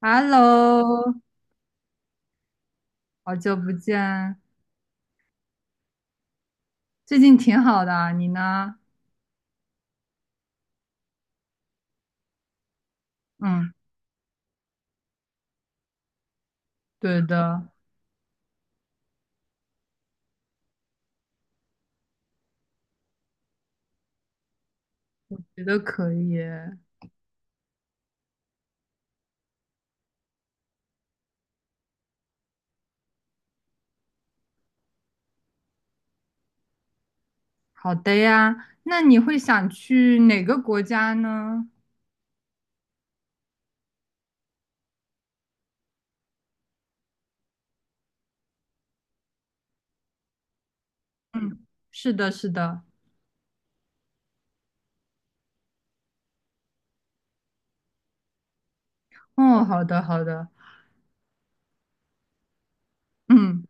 Hello，好久不见，最近挺好的啊你呢？嗯，对的，觉得可以。好的呀，那你会想去哪个国家呢？嗯，是的，是的。哦，好的，好的。嗯，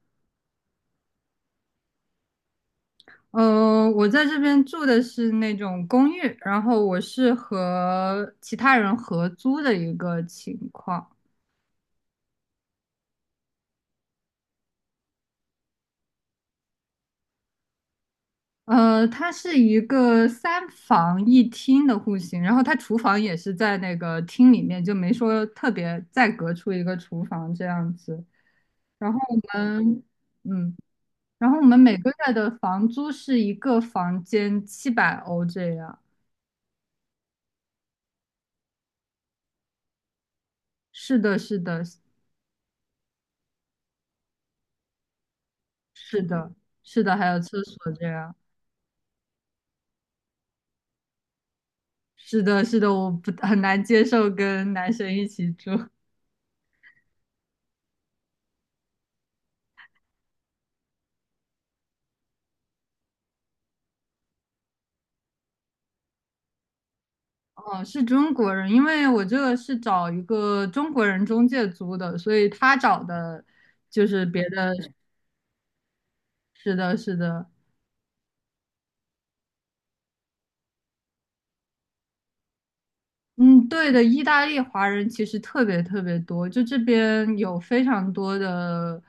我在这边住的是那种公寓，然后我是和其他人合租的一个情况。它是一个三房一厅的户型，然后它厨房也是在那个厅里面，就没说特别再隔出一个厨房这样子。然后我们，嗯，然后我们每个月的房租是一个房间700欧这样。是的，是的，是的，是的，还有厕所这样。是的，是的，我不很难接受跟男生一起住。哦，是中国人，因为我这个是找一个中国人中介租的，所以他找的就是别的。是的，是的，嗯，对的，意大利华人其实特别特别多，就这边有非常多的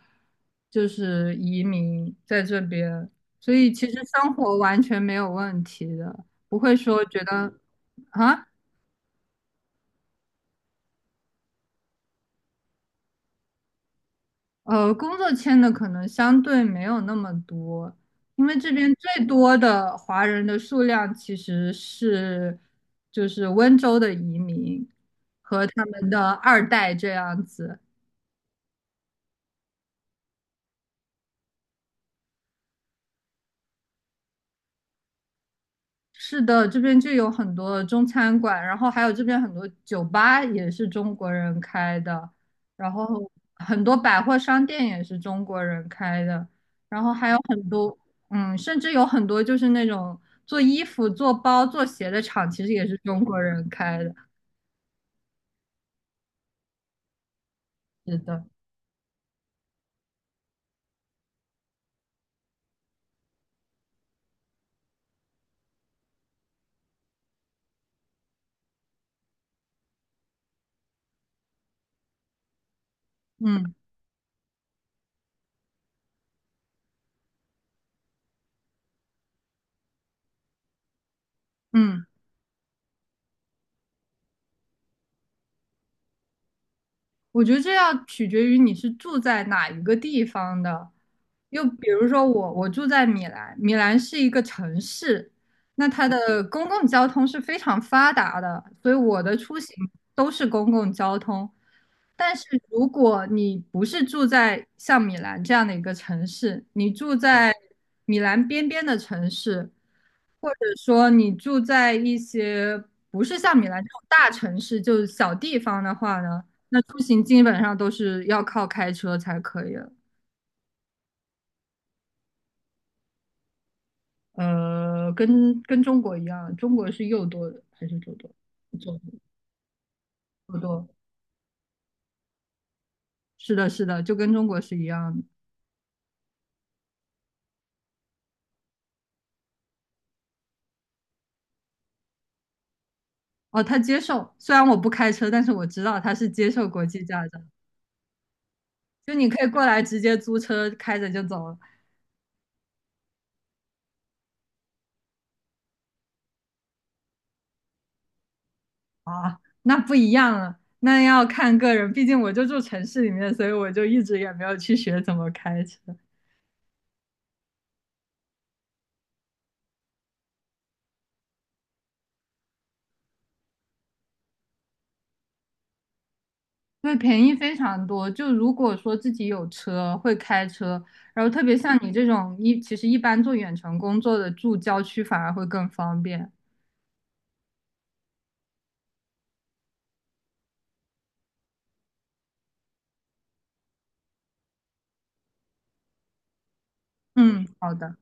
就是移民在这边，所以其实生活完全没有问题的，不会说觉得啊。工作签的可能相对没有那么多，因为这边最多的华人的数量其实是就是温州的移民和他们的二代这样子。是的，这边就有很多中餐馆，然后还有这边很多酒吧也是中国人开的，然后很多百货商店也是中国人开的，然后还有很多，嗯，甚至有很多就是那种做衣服、做包、做鞋的厂，其实也是中国人开的。是的，嗯嗯。我觉得这要取决于你是住在哪一个地方的。又比如说我住在米兰，米兰是一个城市，那它的公共交通是非常发达的，所以我的出行都是公共交通。但是如果你不是住在像米兰这样的一个城市，你住在米兰边边的城市，或者说你住在一些不是像米兰这种大城市，就是小地方的话呢？那出行基本上都是要靠开车才可以了。跟中国一样，中国是右舵的还是左舵？左左舵。是的，是的，就跟中国是一样的。哦，他接受，虽然我不开车，但是我知道他是接受国际驾照，就你可以过来直接租车开着就走了。啊，那不一样了，那要看个人，毕竟我就住城市里面，所以我就一直也没有去学怎么开车。对，便宜非常多。就如果说自己有车，会开车，然后特别像你这种其实一般做远程工作的，住郊区反而会更方便。嗯，好的。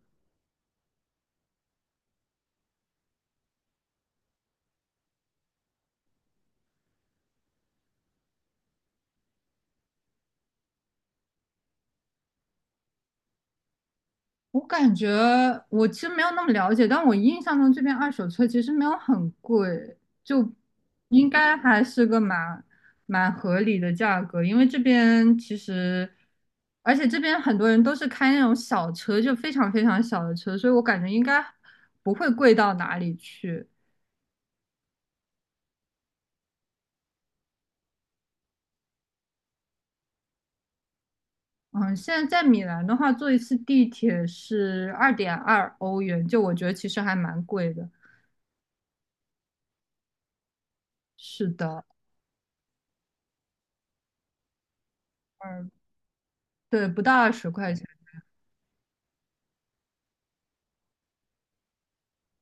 我感觉我其实没有那么了解，但我印象中这边二手车其实没有很贵，就应该还是个蛮合理的价格。因为这边其实，而且这边很多人都是开那种小车，就非常非常小的车，所以我感觉应该不会贵到哪里去。嗯，现在在米兰的话，坐一次地铁是2.2欧元，就我觉得其实还蛮贵的。是的，嗯，对，不到二十块钱。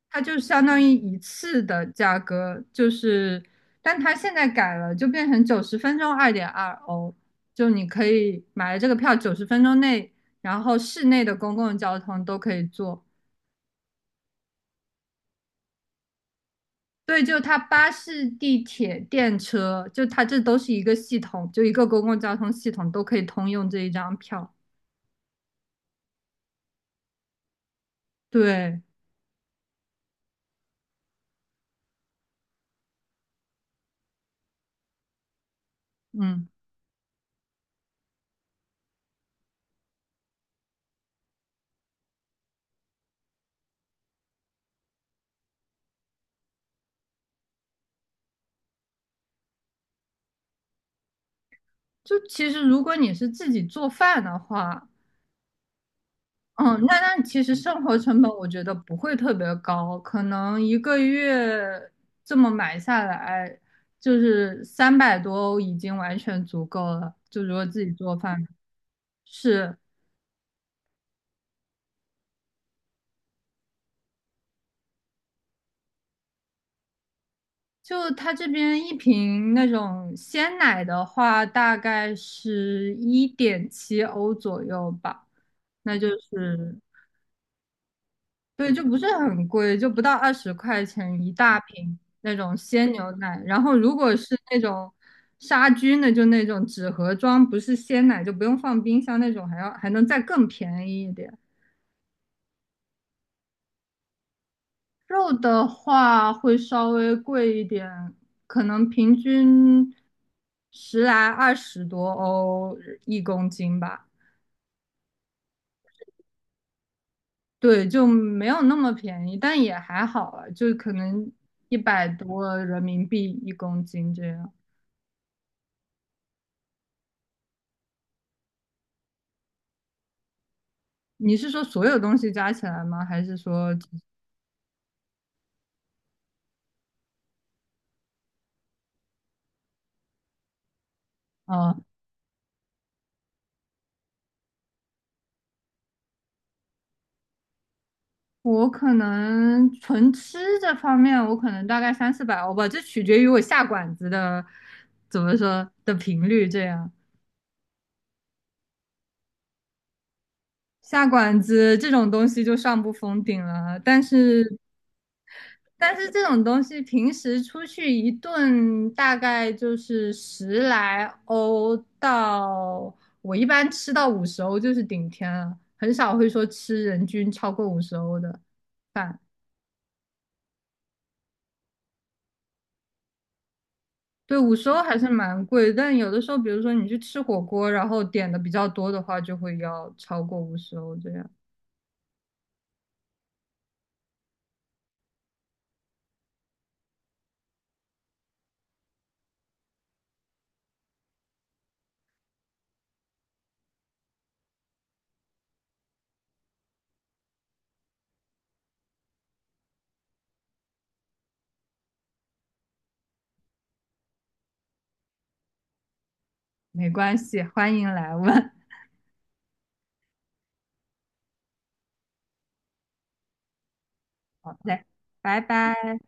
它就相当于一次的价格，就是，但它现在改了，就变成九十分钟二点二欧，就你可以买了这个票，九十分钟内，然后市内的公共交通都可以坐。对，就它巴士、地铁、电车，就它这都是一个系统，就一个公共交通系统都可以通用这一张票。对，嗯，就其实如果你是自己做饭的话。嗯，那其实生活成本我觉得不会特别高，可能一个月这么买下来，就是300多欧已经完全足够了。就如果自己做饭，是，就他这边一瓶那种鲜奶的话，大概是1.7欧左右吧，那就是对，就不是很贵，就不到二十块钱一大瓶那种鲜牛奶。然后如果是那种杀菌的，就那种纸盒装，不是鲜奶，就不用放冰箱那种，还要还能再更便宜一点。肉的话会稍微贵一点，可能平均十来二十多欧一公斤吧。对，就没有那么便宜，但也还好啊，就可能一百多人民币一公斤这样。你是说所有东西加起来吗？还是说，呃，我可能纯吃这方面，我可能大概三四百欧吧，这取决于我下馆子的怎么说的频率。这样。下馆子这种东西就上不封顶了，但是这种东西平时出去一顿大概就是10来欧到，我一般吃到五十欧就是顶天了，很少会说吃人均超过五十欧的饭。对，五十欧还是蛮贵，但有的时候，比如说你去吃火锅，然后点的比较多的话，就会要超过五十欧这样。没关系，欢迎来问。好嘞，拜拜。